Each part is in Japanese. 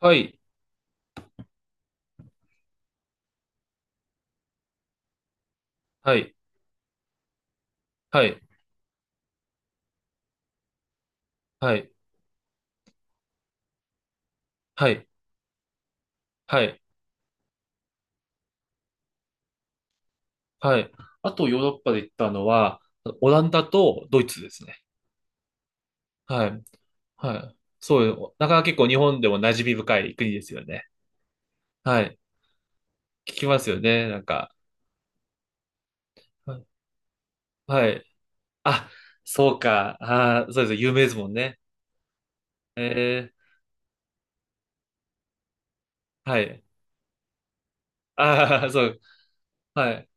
はい、はい、はい、はい、はい、はい、はい。あとヨーロッパで行ったのは、オランダとドイツですね。はい、はい。そうよ。なかなか結構日本でも馴染み深い国ですよね。はい。聞きますよね、なんか。はい。はい。あ、そうか。あー、そうです。有名ですもんね。えー、はい。ああ、そう。はい。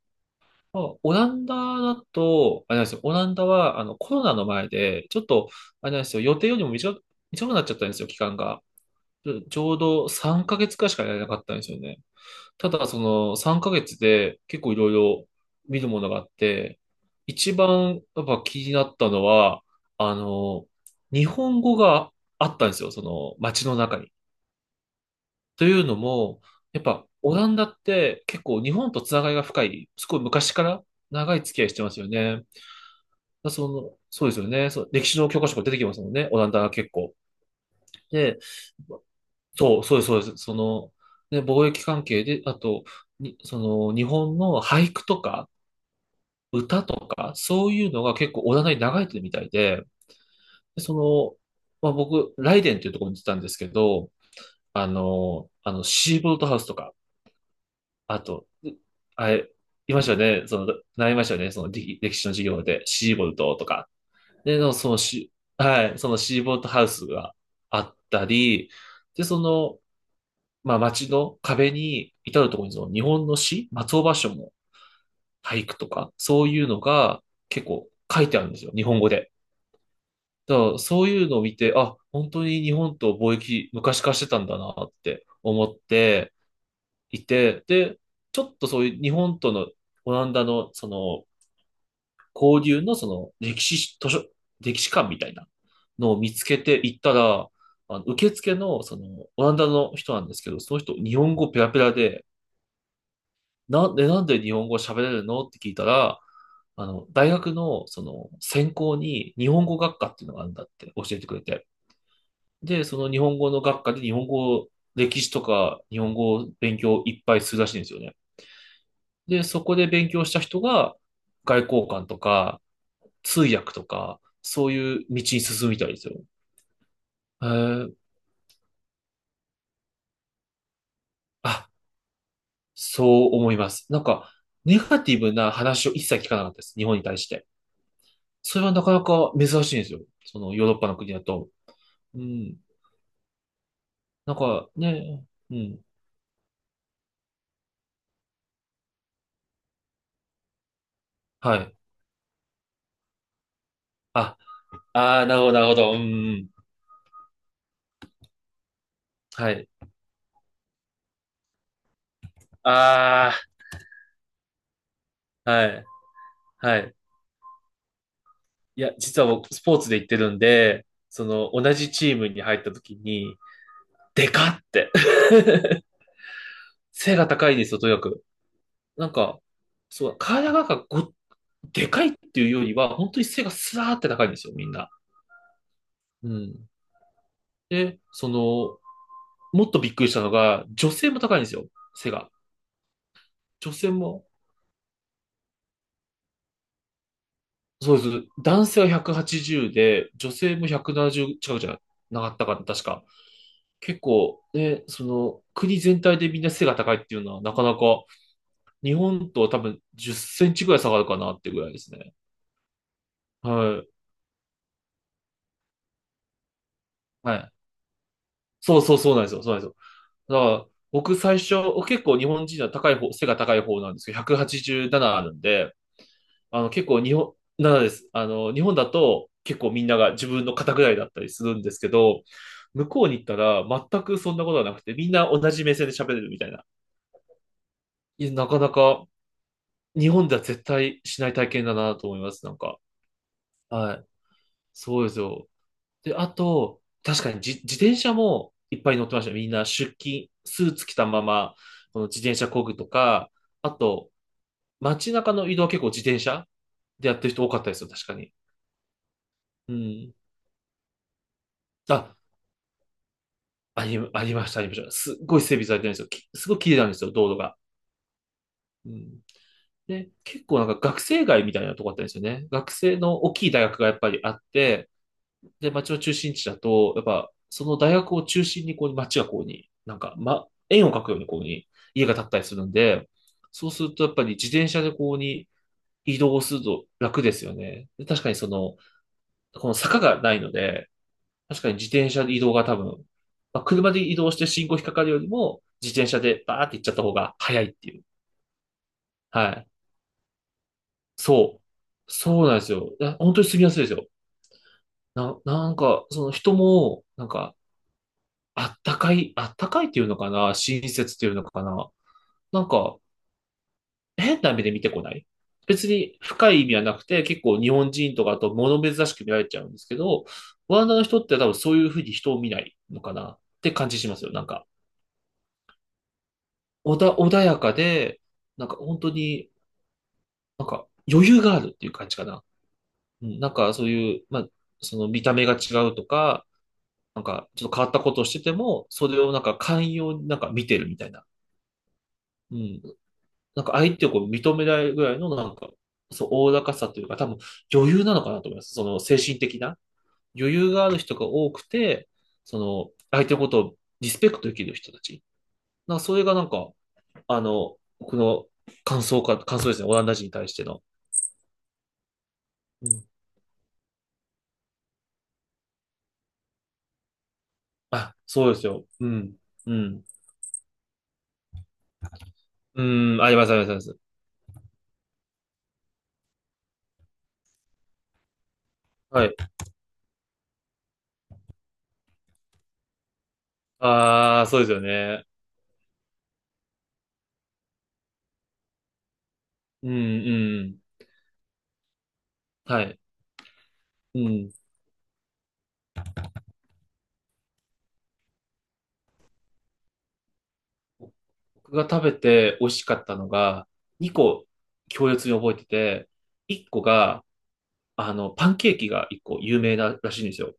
あオランダだと、あれなんですよ、オランダはあのコロナの前で、ちょっと、あれなんですよ、予定よりも短く、短くなっちゃったんですよ、期間が。ちょうど3ヶ月くらいしかやれなかったんですよね。ただ、その3ヶ月で結構いろいろ見るものがあって、一番やっぱ気になったのは、あの、日本語があったんですよ、その街の中に。というのも、やっぱオランダって結構日本とつながりが深い、すごい昔から長い付き合いしてますよね。だその、そうですよね。そう、歴史の教科書が出てきますもんね。オランダが結構。で、そう、そうです、そうです。ね、貿易関係で、あと、に、その、日本の俳句とか、歌とか、そういうのが結構オランダに流れてるみたいで、で、まあ、僕、ライデンっていうところに行ってたんですけど、シーボルトハウスとか、あと、うあれ、いましたよね。その、習いましたよね。歴史の授業で、シーボルトとか。で、のそのシー、はい、そのシーボートハウスがあったり、で、まあ、街の壁に至るところにその日本の詩、松尾芭蕉も俳句とか、そういうのが結構書いてあるんですよ、日本語で。だからそういうのを見て、あ、本当に日本と貿易昔からしてたんだなって思っていて、で、ちょっとそういう日本とのオランダのその交流のその歴史図書、歴史館みたいなのを見つけて行ったら、あの受付のそのオランダの人なんですけど、その人日本語ペラペラで、なんで日本語喋れるのって聞いたら、大学のその専攻に日本語学科っていうのがあるんだって教えてくれて。で、その日本語の学科で日本語、歴史とか日本語を勉強いっぱいするらしいんですよね。で、そこで勉強した人が外交官とか、通訳とか、そういう道に進みたいですよ。えー、あ、そう思います。なんか、ネガティブな話を一切聞かなかったです。日本に対して。それはなかなか珍しいんですよ。そのヨーロッパの国だと。うん。なんかね、うん。はい。あ、ああ、なるほど、なるほど。うん。はい。ああ、はい。はい。いや、実は僕、スポーツで行ってるんで、同じチームに入った時に、でかって 背が高いんですよ、とにかく。なんか、そう、体がなんかでかいっていうよりは、本当に背がスラーって高いんですよ、みんな。うん。で、もっとびっくりしたのが、女性も高いんですよ、背が。女性も、そうです。男性は180で、女性も170近くじゃなかったかな、確か。結構、ね、国全体でみんな背が高いっていうのは、なかなか、日本とは多分10センチぐらい下がるかなってぐらいですね。はい。はい。そうそうそうなんですよ。そうなんです。だから、僕最初、結構日本人は高い方、背が高い方なんですけど、187あるんで、結構日本、ななです。日本だと結構みんなが自分の肩ぐらいだったりするんですけど、向こうに行ったら全くそんなことはなくて、みんな同じ目線で喋れるみたいな。いや、なかなか日本では絶対しない体験だなと思います、なんか。はい。そうですよ。で、あと、確かに自転車もいっぱい乗ってました。みんな出勤、スーツ着たまま、この自転車工ぐとか、あと、街中の移動は結構自転車でやってる人多かったですよ、確かに。うん。あ、ありました、ありました。すっごい整備されてるんですよ。すごい綺麗なんですよ、道路が。うん。で、結構なんか学生街みたいなとこあったんですよね。学生の大きい大学がやっぱりあって、で、町の中心地だと、やっぱ、その大学を中心に、こう、町がこうに、なんか、ま、円を描くように、こうに、家が建ったりするんで、そうすると、やっぱり自転車でこうに移動すると楽ですよね。で確かにこの坂がないので、確かに自転車で移動が多分、まあ、車で移動して信号引っかかるよりも、自転車でバーって行っちゃった方が早いっていう。はい。そう。そうなんですよ。いや本当に住みやすいですよ。なんか、その人も、なんか、あったかい、あったかいっていうのかな親切っていうのかななんか、変な目で見てこない。別に深い意味はなくて、結構日本人とかあと物珍しく見られちゃうんですけど、ワンダの人って多分そういうふうに人を見ないのかなって感じしますよ。なんか、穏やかで、なんか本当に、なんか余裕があるっていう感じかな。うん、なんかそういう、まあ、その見た目が違うとか、なんかちょっと変わったことをしてても、それをなんか寛容になんか見てるみたいな。うん。なんか相手をこう認めないぐらいのなんか、そう、おおらかさというか、多分余裕なのかなと思います。その精神的な余裕がある人が多くて、その相手のことをリスペクトできる人たち。なんかそれがなんか、僕の感想か、感想ですね。オランダ人に対しての。うん。あ、そうですよ。うん。うん。うん。あります、あります、あります。はい。ああ、そうですよね。うん、うん。はい。うん。僕が食べて美味しかったのが、2個強烈に覚えてて、1個が、パンケーキが1個有名ならしいんですよ。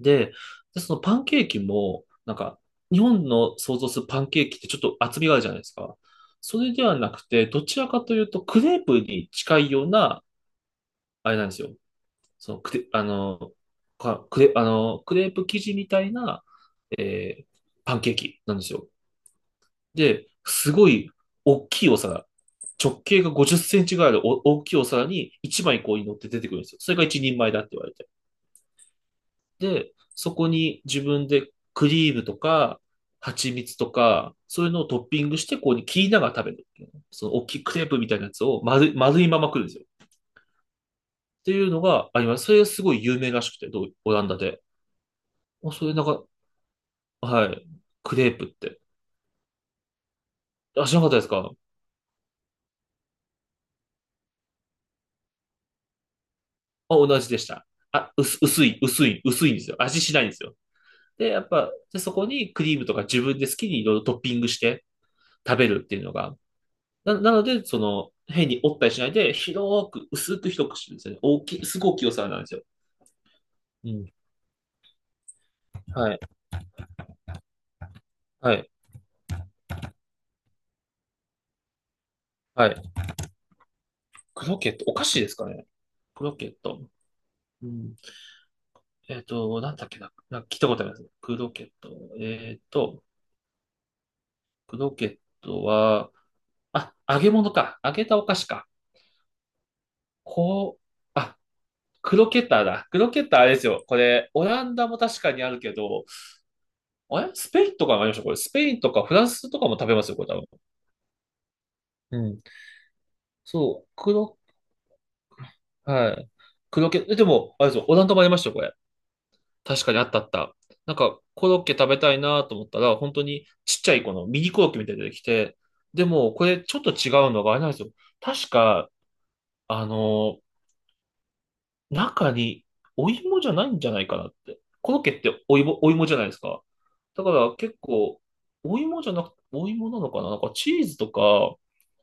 で、でそのパンケーキも、なんか、日本の想像するパンケーキってちょっと厚みがあるじゃないですか。それではなくて、どちらかというと、クレープに近いような、あれなんですよ。その、クレ、あの、かクレ、あの、クレープ生地みたいな、えーパンケーキなんですよ。で、すごい大きいお皿、直径が50センチぐらいのお大きいお皿に1枚こうに乗って出てくるんですよ。それが一人前だって言われて。で、そこに自分でクリームとか、蜂蜜とか、そういうのをトッピングして、こうに切りながら食べるその大きいクレープみたいなやつを丸い、丸いまま食るんですよ。っていうのがあります。それがすごい有名らしくて、どうオランダで。あ、それなんか、はい。クレープって。あ、知らなかったですか？あ、同じでした。あ、薄いんですよ。味しないんですよ。で、やっぱ、で、そこにクリームとか自分で好きにいろいろトッピングして食べるっていうのが、なので、その、変に折ったりしないで、広く、薄く広くしてるんですよね。大きい、すごい大きいお皿なんですよ。うん。はい。はい。はい。クロケット、お菓子ですかね。クロケット。うん。えっと、なんだっけな。なんか聞いたことあります。クロケット。えっと、クロケットは、あ、揚げ物か。揚げたお菓子か。こう、あ、クロケッターだ。クロケッターあれですよ。これ、オランダも確かにあるけど、あれスペインとかもありましたこれ。スペインとかフランスとかも食べますよ、これ多分。うん。そう。黒、はい。黒系。え、でも、あれですよ、オランダもありましたよ、これ。確かにあったあった。なんか、コロッケ食べたいなと思ったら、本当にちっちゃいこのミニコロッケみたいに出てきて、でも、これちょっと違うのがあれなんですよ。確か、あのー中にお芋じゃないんじゃないかなって。コロッケってお芋、お芋じゃないですか。だから結構、お芋じゃなく、お芋なのかな、なんかチーズとか、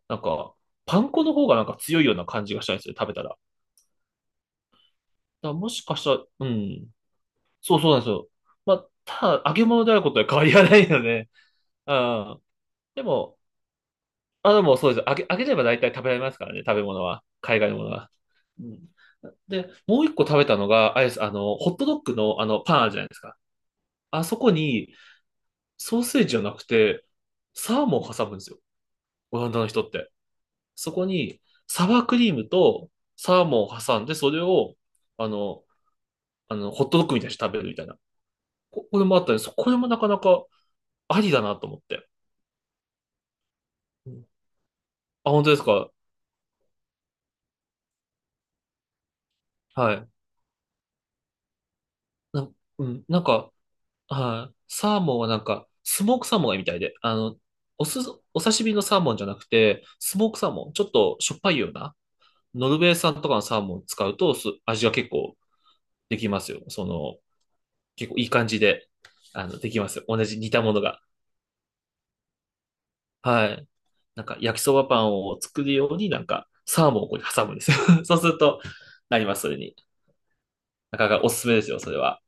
なんか、パン粉の方がなんか強いような感じがしたんですよ、食べたら。だからもしかしたら、うん。そうそうなんですよ。まあ、ただ、揚げ物であることは変わりはないので、うん。でも、あ、でもそうです。揚げれば大体食べられますからね、食べ物は。海外のものは。うん。で、もう一個食べたのが、あれです、あの、ホットドッグのあの、パンあるじゃないですか。あそこに、ソーセージじゃなくて、サーモンを挟むんですよ。オランダの人って。そこに、サワークリームとサーモンを挟んで、それを、あの、あの、ホットドッグみたいにして食べるみたいな。これもあったんです。これもなかなかありだなと思って。うん。あ、本当ですか？はい。な、うん、なんか、はい。サーモンはなんか、スモークサーモンがいいみたいで、あの、おす、お刺身のサーモンじゃなくて、スモークサーモン、ちょっとしょっぱいような、ノルウェー産とかのサーモンを使うと、す味が結構できますよ。その、結構いい感じで、あの、できますよ。同じ似たものが。はい。なんか焼きそばパンを作るようになんかサーモンをここに挟むんですよ。そうするとなります、それに。なかなかおすすめですよ、それは。